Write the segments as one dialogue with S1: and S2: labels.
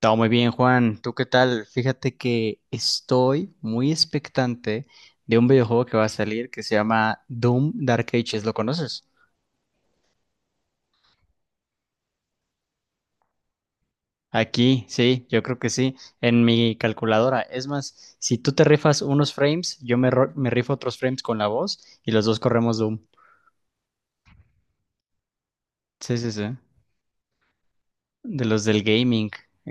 S1: Todo muy bien, Juan. ¿Tú qué tal? Fíjate que estoy muy expectante de un videojuego que va a salir que se llama Doom Dark Ages. ¿Lo conoces? Aquí, sí, yo creo que sí, en mi calculadora. Es más, si tú te rifas unos frames, me rifo otros frames con la voz y los dos corremos Doom. Sí, sí, sí. De los del gaming.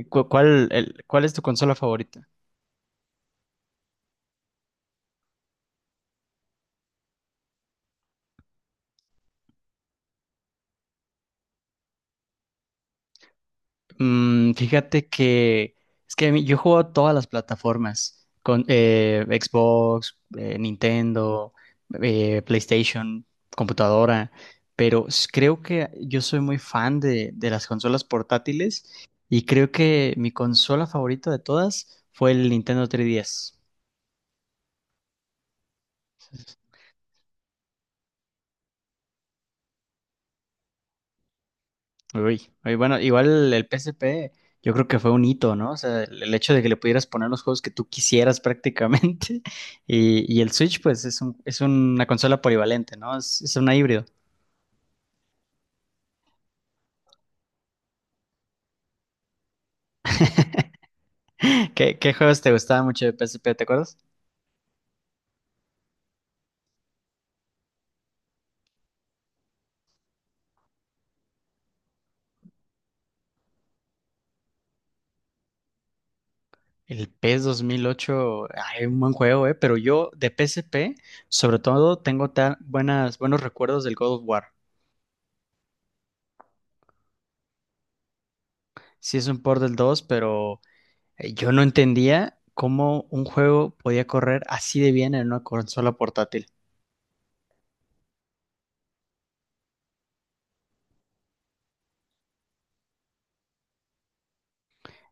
S1: ¿Cuál es tu consola favorita? Fíjate que es que a mí- yo juego todas las plataformas, con Xbox, Nintendo, PlayStation, computadora, creo que yo soy muy fan de las consolas portátiles y creo que mi consola favorita de todas fue el Nintendo 3DS. Uy, uy, bueno, igual el PSP, yo creo que fue un hito, ¿no? O sea, el hecho de que le pudieras poner los juegos que tú quisieras prácticamente. Y el Switch, pues es una consola polivalente, ¿no? Es una híbrido. ¿Qué juegos te gustaban mucho de PSP, te acuerdas? El PES 2008, ay, un buen juego, ¿eh? Pero yo de PSP, sobre todo, tengo buenos recuerdos del God of War. Sí es un port del 2, pero yo no entendía cómo un juego podía correr así de bien en una consola portátil.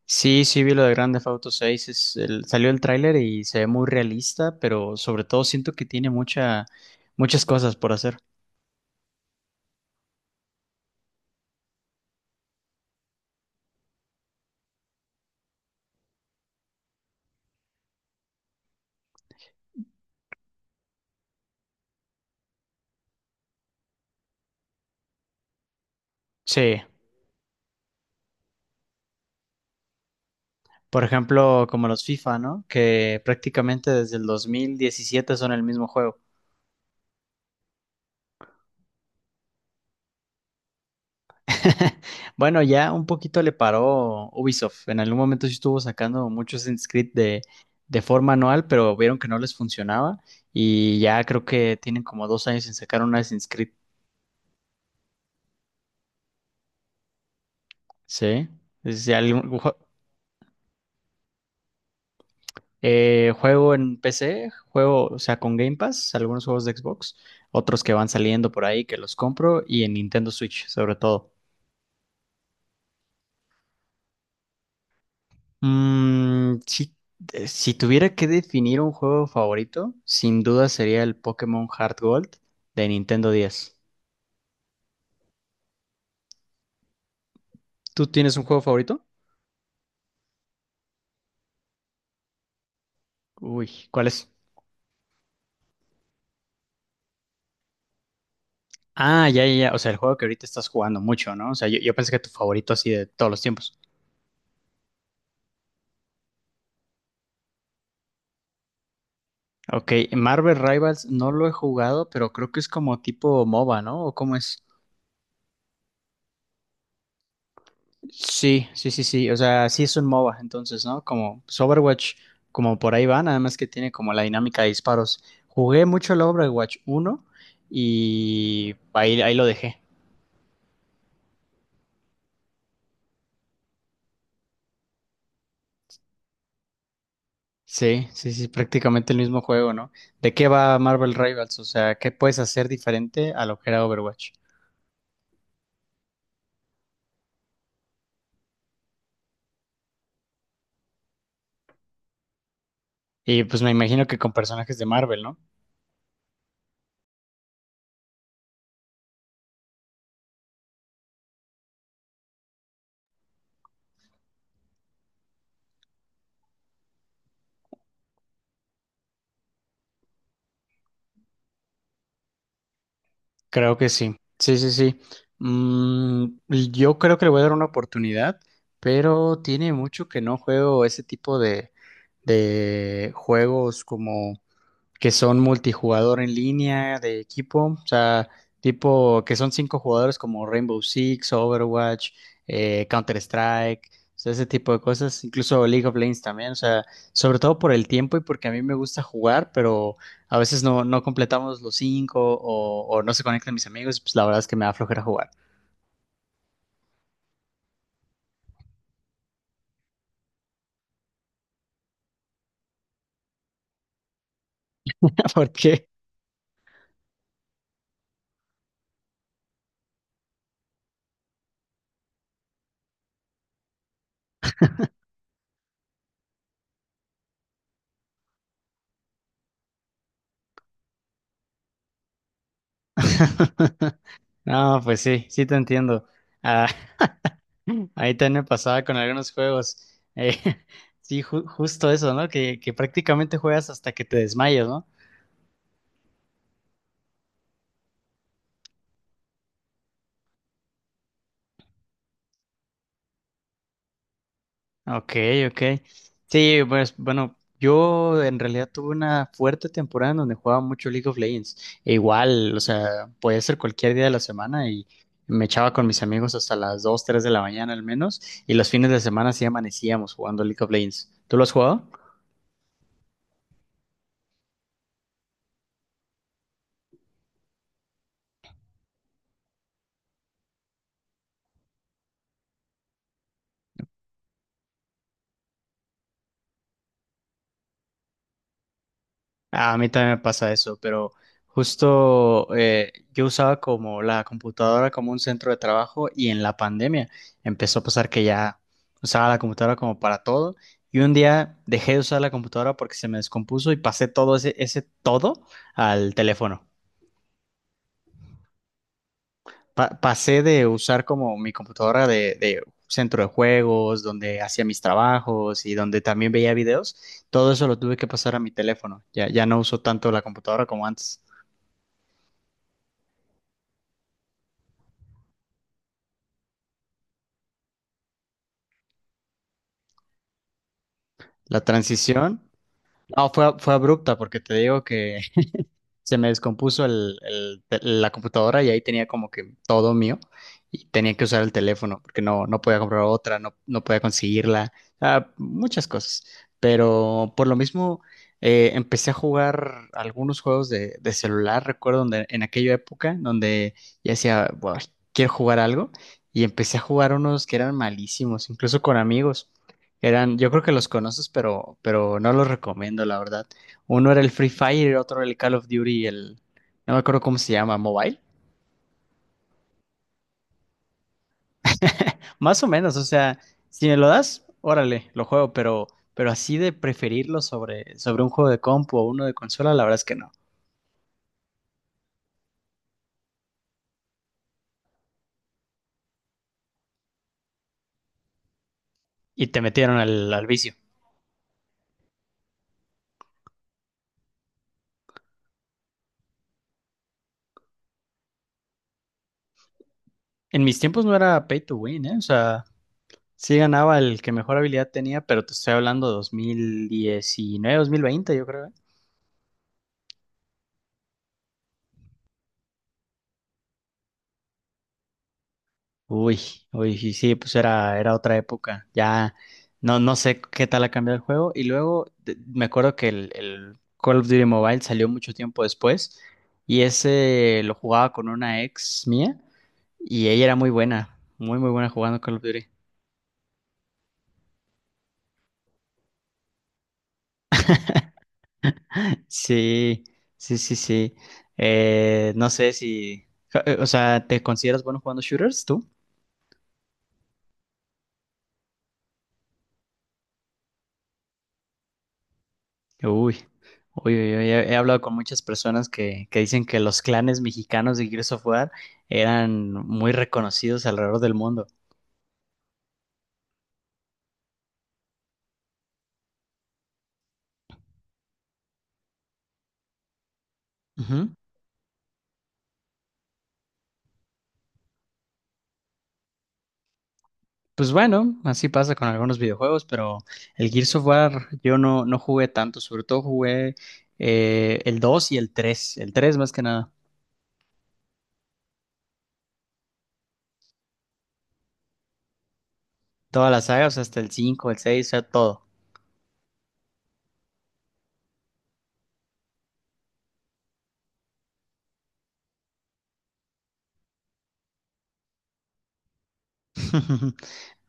S1: Sí, sí vi lo de Grand Theft Auto 6, salió el tráiler y se ve muy realista, pero sobre todo siento que tiene muchas cosas por hacer. Sí, por ejemplo, como los FIFA, ¿no? Que prácticamente desde el 2017 son el mismo juego. Bueno, ya un poquito le paró Ubisoft. En algún momento sí estuvo sacando muchos Assassin's Creed de forma anual, pero vieron que no les funcionaba y ya creo que tienen como 2 años sin sacar un Assassin's Creed. Sí. es ya algún ju- Juego en PC, juego, o sea, con Game Pass, algunos juegos de Xbox, otros que van saliendo por ahí que los compro y en Nintendo Switch sobre todo. Mm, si, si tuviera que definir un juego favorito, sin duda sería el Pokémon Heart Gold de Nintendo 10. ¿Tú tienes un juego favorito? Uy, ¿cuál es? Ah, ya, ya, ya. O sea, el juego que ahorita estás jugando mucho, ¿no? O sea, yo pensé que tu favorito así de todos los tiempos. Ok, Marvel Rivals no lo he jugado, pero creo que es como tipo MOBA, ¿no? ¿O cómo es? Sí, sí, sí, sí. O sea, sí es un MOBA, entonces, ¿no? Como pues, Overwatch, como por ahí va, nada más que tiene como la dinámica de disparos. Jugué mucho el Overwatch uno y ahí lo dejé. Sí, sí, sí, prácticamente el mismo juego, ¿no? ¿De qué va Marvel Rivals? O sea, ¿qué puedes hacer diferente a lo que era Overwatch? Y pues me imagino que con personajes de Marvel, ¿no? Creo que sí. Sí, sí, sí. Mm, yo creo que le voy a dar una oportunidad, pero tiene mucho que no juego ese tipo de juegos como que son multijugador en línea de equipo, o sea, tipo que son cinco jugadores como Rainbow Six, Overwatch, Counter Strike, ese tipo de cosas, incluso League of Legends también, o sea, sobre todo por el tiempo y porque a mí me gusta jugar, pero a veces no, no completamos los cinco o no se conectan mis amigos, pues la verdad es que me da flojera jugar. ¿Por qué? No, pues sí, sí te entiendo. Ah, Ahí también me pasaba con algunos juegos. Sí, justo eso, ¿no? Que prácticamente juegas hasta que te desmayas, ¿no? Ok, ok. Sí, pues bueno, yo en realidad tuve una fuerte temporada en donde jugaba mucho League of Legends. E igual, o sea, podía ser cualquier día de la semana y me echaba con mis amigos hasta las 2, 3 de la mañana al menos. Y los fines de semana sí amanecíamos jugando League of Legends. ¿Tú lo has jugado? A mí también me pasa eso, pero justo yo usaba como la computadora como un centro de trabajo y en la pandemia empezó a pasar que ya usaba la computadora como para todo y un día dejé de usar la computadora porque se me descompuso y pasé todo ese todo al teléfono. Pasé de usar como mi computadora de centro de juegos, donde hacía mis trabajos y donde también veía videos, todo eso lo tuve que pasar a mi teléfono. Ya, ya no uso tanto la computadora como antes. La transición, no, fue, fue abrupta porque te digo que se me descompuso la computadora y ahí tenía como que todo mío y tenía que usar el teléfono porque no, no podía comprar otra, no, no podía conseguirla, ah, muchas cosas. Pero por lo mismo empecé a jugar algunos juegos de celular, recuerdo donde, en aquella época donde ya decía: "Buah, quiero jugar algo" y empecé a jugar unos que eran malísimos, incluso con amigos. Eran, yo creo que los conoces, pero no los recomiendo, la verdad. Uno era el Free Fire, el otro era el Call of Duty, el... No me acuerdo cómo se llama, Mobile. Más o menos, o sea, si me lo das, órale, lo juego, pero así de preferirlo sobre, sobre un juego de compu o uno de consola, la verdad es que no. Y te metieron al vicio. En mis tiempos no era pay to win, ¿eh? O sea, sí ganaba el que mejor habilidad tenía, pero te estoy hablando de 2019, 2020, yo creo, ¿eh? Uy, uy, sí, sí, pues era, era otra época. Ya no, no sé qué tal ha cambiado el juego. Y luego me acuerdo que el Call of Duty Mobile salió mucho tiempo después. Y ese lo jugaba con una ex mía. Y ella era muy buena, muy, muy buena jugando Call of Duty. Sí, sí, sí, sí. No sé si. ja- O sea, ¿te consideras bueno jugando shooters tú? Uy, uy, uy, uy, he hablado con muchas personas que dicen que los clanes mexicanos de Gears of War eran muy reconocidos alrededor del mundo. Ujú. Pues bueno, así pasa con algunos videojuegos, pero el Gears of War yo no, no jugué tanto, sobre todo jugué el 2 y el 3 más que nada, toda la saga, o sea, hasta el 5, el 6, o sea, todo.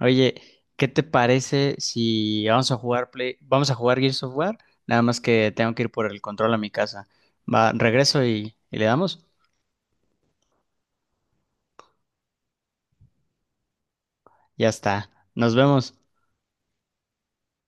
S1: Oye, ¿qué te parece si vamos a jugar Play, vamos a jugar Gears of War? Nada más que tengo que ir por el control a mi casa. Va, regreso y le damos. Ya está. Nos vemos.